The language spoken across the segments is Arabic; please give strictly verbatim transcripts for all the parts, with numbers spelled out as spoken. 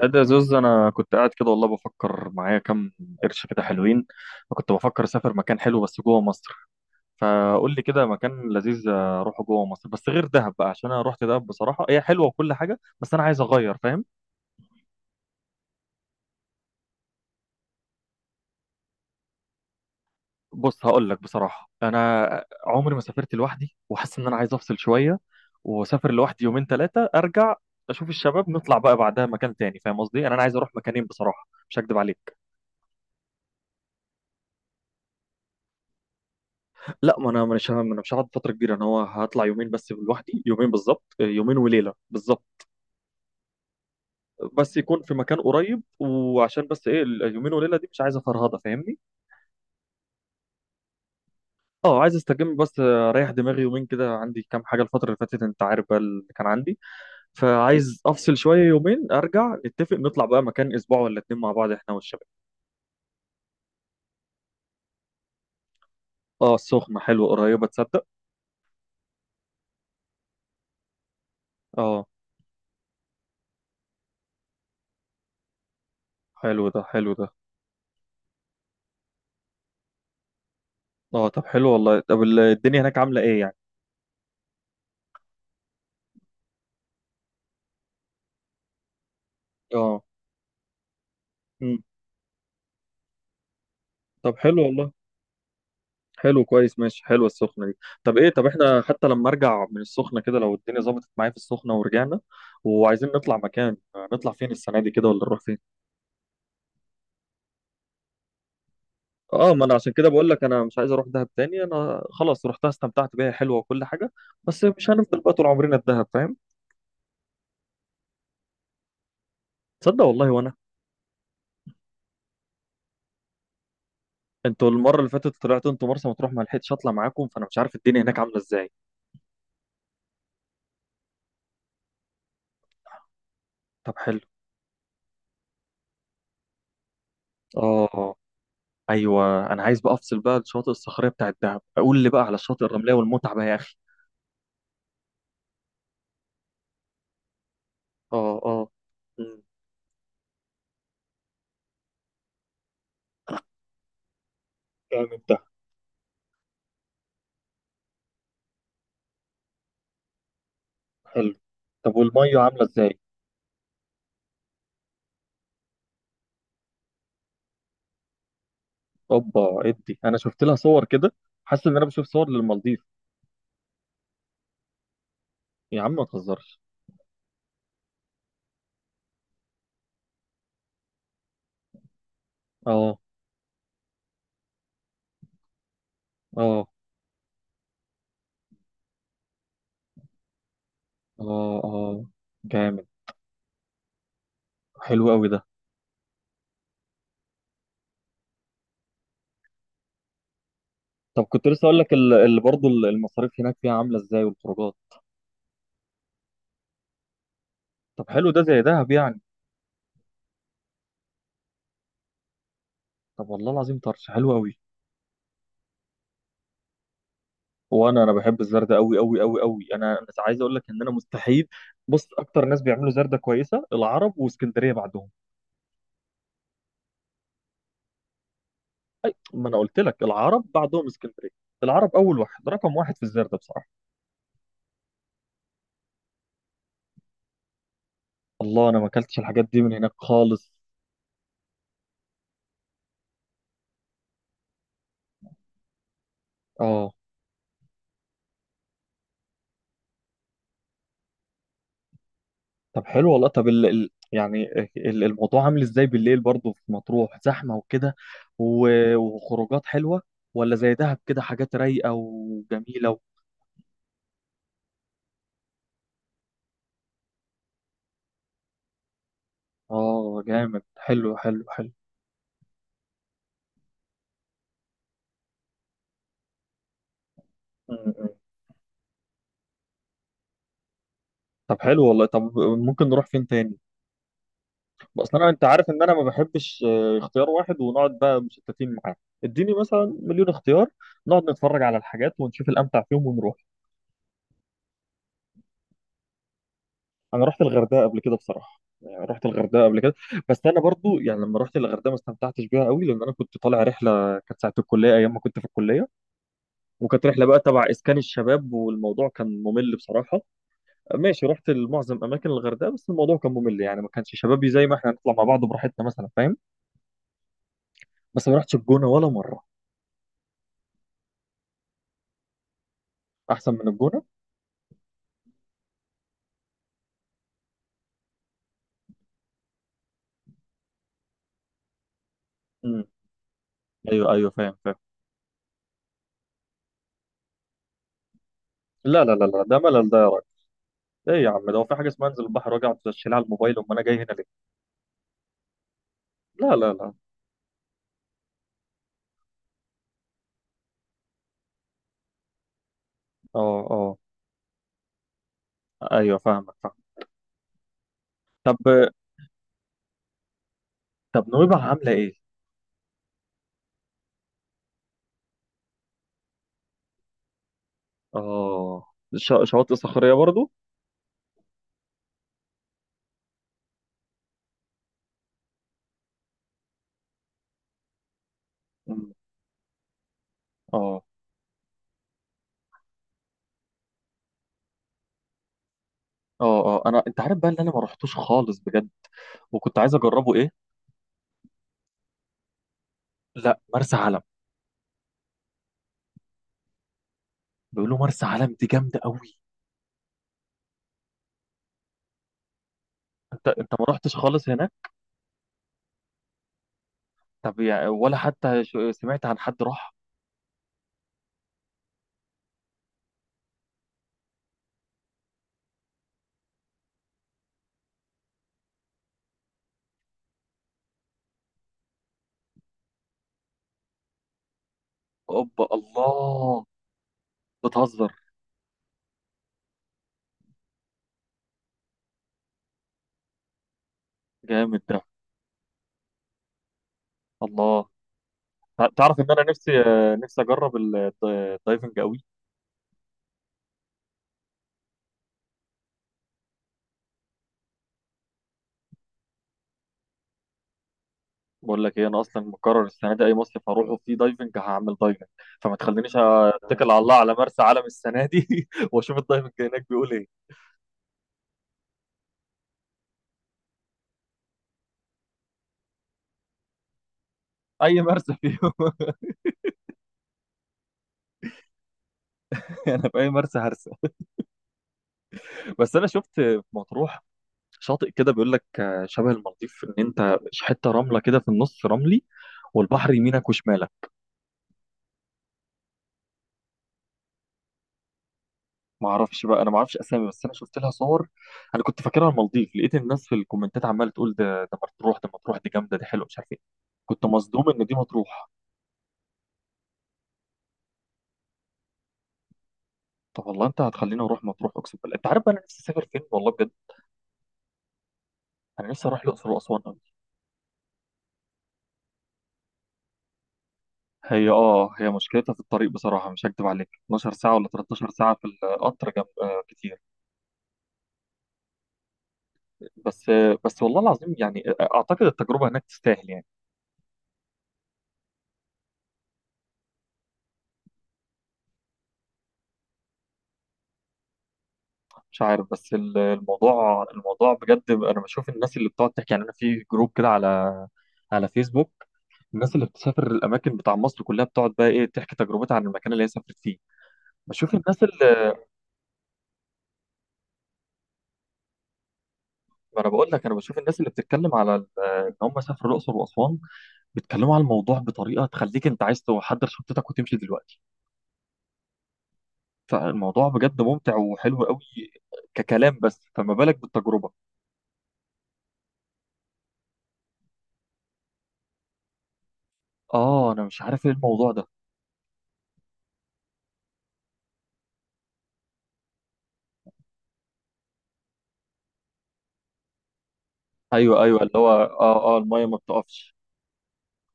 لا، ده زوز. انا كنت قاعد كده والله بفكر معايا كام قرش كده حلوين. فكنت بفكر اسافر مكان حلو بس جوه مصر. فقول لي كده مكان لذيذ اروحه جوه مصر بس غير دهب بقى، عشان انا رحت دهب بصراحه، هي حلوه وكل حاجه بس انا عايز اغير، فاهم؟ بص، هقول لك بصراحه، انا عمري ما سافرت لوحدي وحاسس ان انا عايز افصل شويه واسافر لوحدي يومين ثلاثه ارجع اشوف الشباب، نطلع بقى بعدها مكان تاني. فاهم قصدي؟ انا أنا عايز اروح مكانين بصراحه، مش هكدب عليك. لا، ما انا مش هم- انا مش هقعد فتره كبيره، انا هو هطلع يومين بس لوحدي، يومين بالظبط، آه، يومين وليله بالظبط. بس يكون في مكان قريب، وعشان بس ايه، اليومين وليله دي مش عايزه فرهضه، فاهمني؟ اه، عايز استجم بس، آه، اريح دماغي يومين كده. عندي كام حاجه الفتره اللي فاتت انت عارف بقى اللي كان عندي. فعايز افصل شويه يومين، ارجع نتفق نطلع بقى مكان اسبوع ولا اتنين مع بعض احنا والشباب. اه، السخنه حلوه، قريبه تصدق. اه، حلو ده، حلو ده. اه، طب حلو والله. طب ال- الدنيا هناك عامله ايه يعني؟ اه. مم. طب حلو والله. حلو، كويس، ماشي، حلوه السخنه دي. طب ايه، طب احنا حتى لما ارجع من السخنه كده، لو الدنيا ظبطت معايا في السخنه ورجعنا وعايزين نطلع مكان، آه، نطلع فين السنه دي كده، ولا نروح فين؟ اه، ما انا عشان كده بقول لك، انا مش عايز اروح دهب تاني. انا خلاص رحتها، استمتعت بيها، حلوه وكل حاجه بس مش هنفضل بقى طول عمرنا في دهب، فاهم؟ تصدق والله، وانا. انتوا المره اللي فاتت طلعتوا انتوا مرسى مطروح، ما لحقتش اطلع معاكم، فانا مش عارف الدنيا هناك عامله ازاي. طب حلو. اه. ايوه، انا عايز بقى افصل بقى، الشاطئ الصخريه بتاعت دهب اقول لي بقى على الشاطئ الرمليه والمتعه بقى يا اخي. اه، اه. مم. جامد ده. حلو. طب والميه عامله ازاي؟ اوبا، ادي انا شفت لها صور كده، حاسس ان انا بشوف صور للمالديف. يا عم ما تهزرش. اه، اه. اه، اه. جامد. حلو قوي ده. طب، كنت لسه اقول لك ال- اللي برضه ال- المصاريف هناك فيها عامله ازاي، والخروجات؟ طب حلو، ده زي دهب يعني. طب والله العظيم طرش حلو قوي. وانا، انا بحب الزردة قوي قوي قوي قوي. انا انا عايز اقول لك ان انا مستحيل. بص، اكتر ناس بيعملوا زردة كويسه العرب، واسكندريه بعدهم. ما انا قلت لك العرب بعدهم اسكندريه. العرب اول واحد، رقم واحد في الزردة بصراحه. الله، انا ما اكلتش الحاجات دي من هناك خالص. اه، طب حلو والله. طب ال... ال... يعني، ال- الموضوع عامل ازاي بالليل برضه في مطروح؟ زحمه وكده، و، وخروجات حلوه، ولا زي دهب كده حاجات رايقه وجميله و. اه، جامد، حلو حلو حلو. م- م. طب حلو والله. طب ممكن نروح فين تاني؟ بس انا، انت عارف ان انا ما بحبش، آه، اختيار واحد ونقعد بقى مشتتين معاه. اديني مثلا مليون اختيار، نقعد نتفرج على الحاجات ونشوف الامتع فيهم ونروح. انا رحت الغردقه قبل كده بصراحه، يعني رحت الغردقه قبل كده. بس انا برضو يعني لما رحت الغردقه ما استمتعتش بيها قوي، لان انا كنت طالع رحله كانت ساعه الكليه، ايام ما كنت في الكليه. وكانت رحله بقى تبع اسكان الشباب، والموضوع كان ممل بصراحه. ماشي، رحت لمعظم اماكن الغردقه بس الموضوع كان ممل، يعني ما كانش شبابي زي ما احنا هنطلع مع بعض براحتنا مثلا، فاهم؟ بس ما رحتش الجونه ولا مره. احسن من الجونه؟ ايوه ايوه، فاهم فاهم. لا لا لا لا، ده ملل ده يا راجل. ايه يا عم ده، هو في حاجه اسمها انزل البحر واجي اقعد اشيل على الموبايل؟ امال انا جاي هنا ليه؟ لا لا لا. اه اه. ايوه فاهمك، فاهم. طب، طب نويبع عامله ايه؟ اه، ش- شواطئ صخريه برضو؟ مم. اه، اه. اه، انا، انت عارف بقى اللي انا ما رحتوش خالص بجد، وكنت عايز اجربه، ايه؟ لا، مرسى علم. بيقولوا مرسى علم دي جامده قوي. انت انت ما رحتش خالص هناك؟ طب يعني ولا حتى ش- سمعت عن حد راح؟ اوبا، الله. بتهزر. جامد ده. الله. تع- تعرف ان انا نفسي، آه، نفسي اجرب ال- الد- الدايفنج قوي. بقول لك ايه، انا اصلا مقرر السنه دي اي مصيف هروحه فيه دايفنج هعمل دايفنج. فما تخلينيش اتكل على الله على مرسى علم السنه دي واشوف الدايفنج هناك بيقول ايه. اي مرسى فيهم انا في اي مرسى هرسى. بس انا شفت في مطروح شاطئ كده بيقول لك، آه، شبه المالديف، ان انت حته رمله كده في النص رملي، والبحر يمينك وشمالك. ما اعرفش بقى، انا ما اعرفش اسامي، بس انا شفت لها صور. انا كنت فاكرها المالديف، لقيت الناس في الكومنتات عماله تقول ده، ده مطروح ده مطروح، دي جامده، دي حلوه، مش عارف ايه. كنت مصدوم ان دي مطروح. طب والله انت هتخليني اروح مطروح، اقسم بالله. انت عارف بقى انا نفسي اسافر فين والله بجد؟ انا نفسي اروح الاقصر واسوان قوي. هي، اه، هي مشكلتها في الطريق بصراحه، مش هكدب عليك، اتناشر ساعه ولا تلتاشر ساعه في القطر، جنب، آه، كتير. بس، آه، بس والله العظيم يعني، آه، اعتقد التجربه هناك تستاهل يعني. مش عارف، بس ال- الموضوع، الموضوع بجد، انا بشوف الناس اللي بتقعد تحكي، يعني انا في جروب كده على، على فيسبوك، الناس اللي بتسافر الاماكن بتاع مصر كلها بتقعد بقى ايه تحكي تجربتها عن المكان اللي هي سافرت فيه. بشوف الناس اللي، ما انا بقول لك، انا بشوف الناس اللي بتتكلم على ال- ان هم سافروا الاقصر واسوان، بيتكلموا على الموضوع بطريقه تخليك انت عايز تحضر شنطتك وتمشي دلوقتي. فالموضوع بجد ممتع وحلو قوي، ككلام، بس فما بالك بالتجربه. اه، انا مش عارف ايه الموضوع ده. ايوه ايوه، اللي هو، اه اه، الميه ما بتقفش.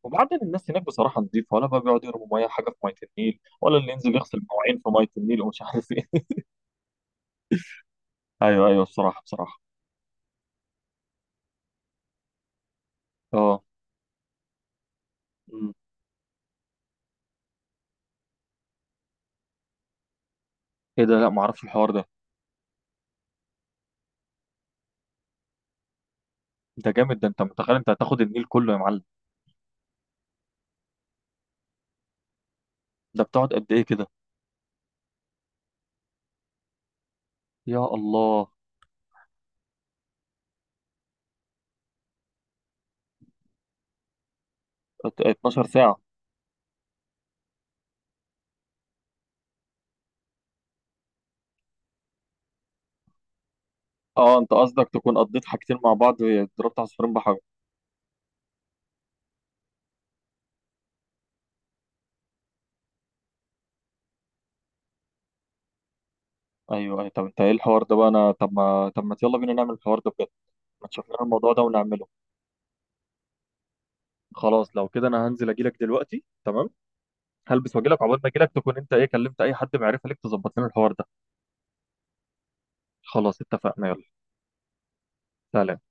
وبعدين الناس هناك بصراحة نظيفة، ولا بقى بيقعدوا يرموا مياه حاجة في مية النيل، ولا اللي ينزل يغسل مواعين في مية النيل ومش عارف ايه؟ ايوه ايوه، بصراحة، بصراحة. اه. أمم. ايه ده؟ لا، ما اعرفش الحوار ده. ده جامد ده، انت متخيل انت هتاخد النيل كله يا معلم؟ ده بتقعد قد ايه كده؟ يا الله. ات- اتناشر ساعة. اه، انت قصدك تكون قضيت حاجتين مع بعض، ضربت عصفورين بحجر. ايوه ايوه. طب انت ايه الحوار ده بقى، انا طب ما، طب ما يلا بينا نعمل الحوار ده بجد. ما تشوف لنا الموضوع ده ونعمله. خلاص، لو كده انا هنزل اجيلك دلوقتي، تمام. هلبس واجيلك، عقبال ما اجيلك تكون انت ايه، كلمت اي حد معرفه ليك تظبط لنا الحوار ده. خلاص اتفقنا، يلا. سلام.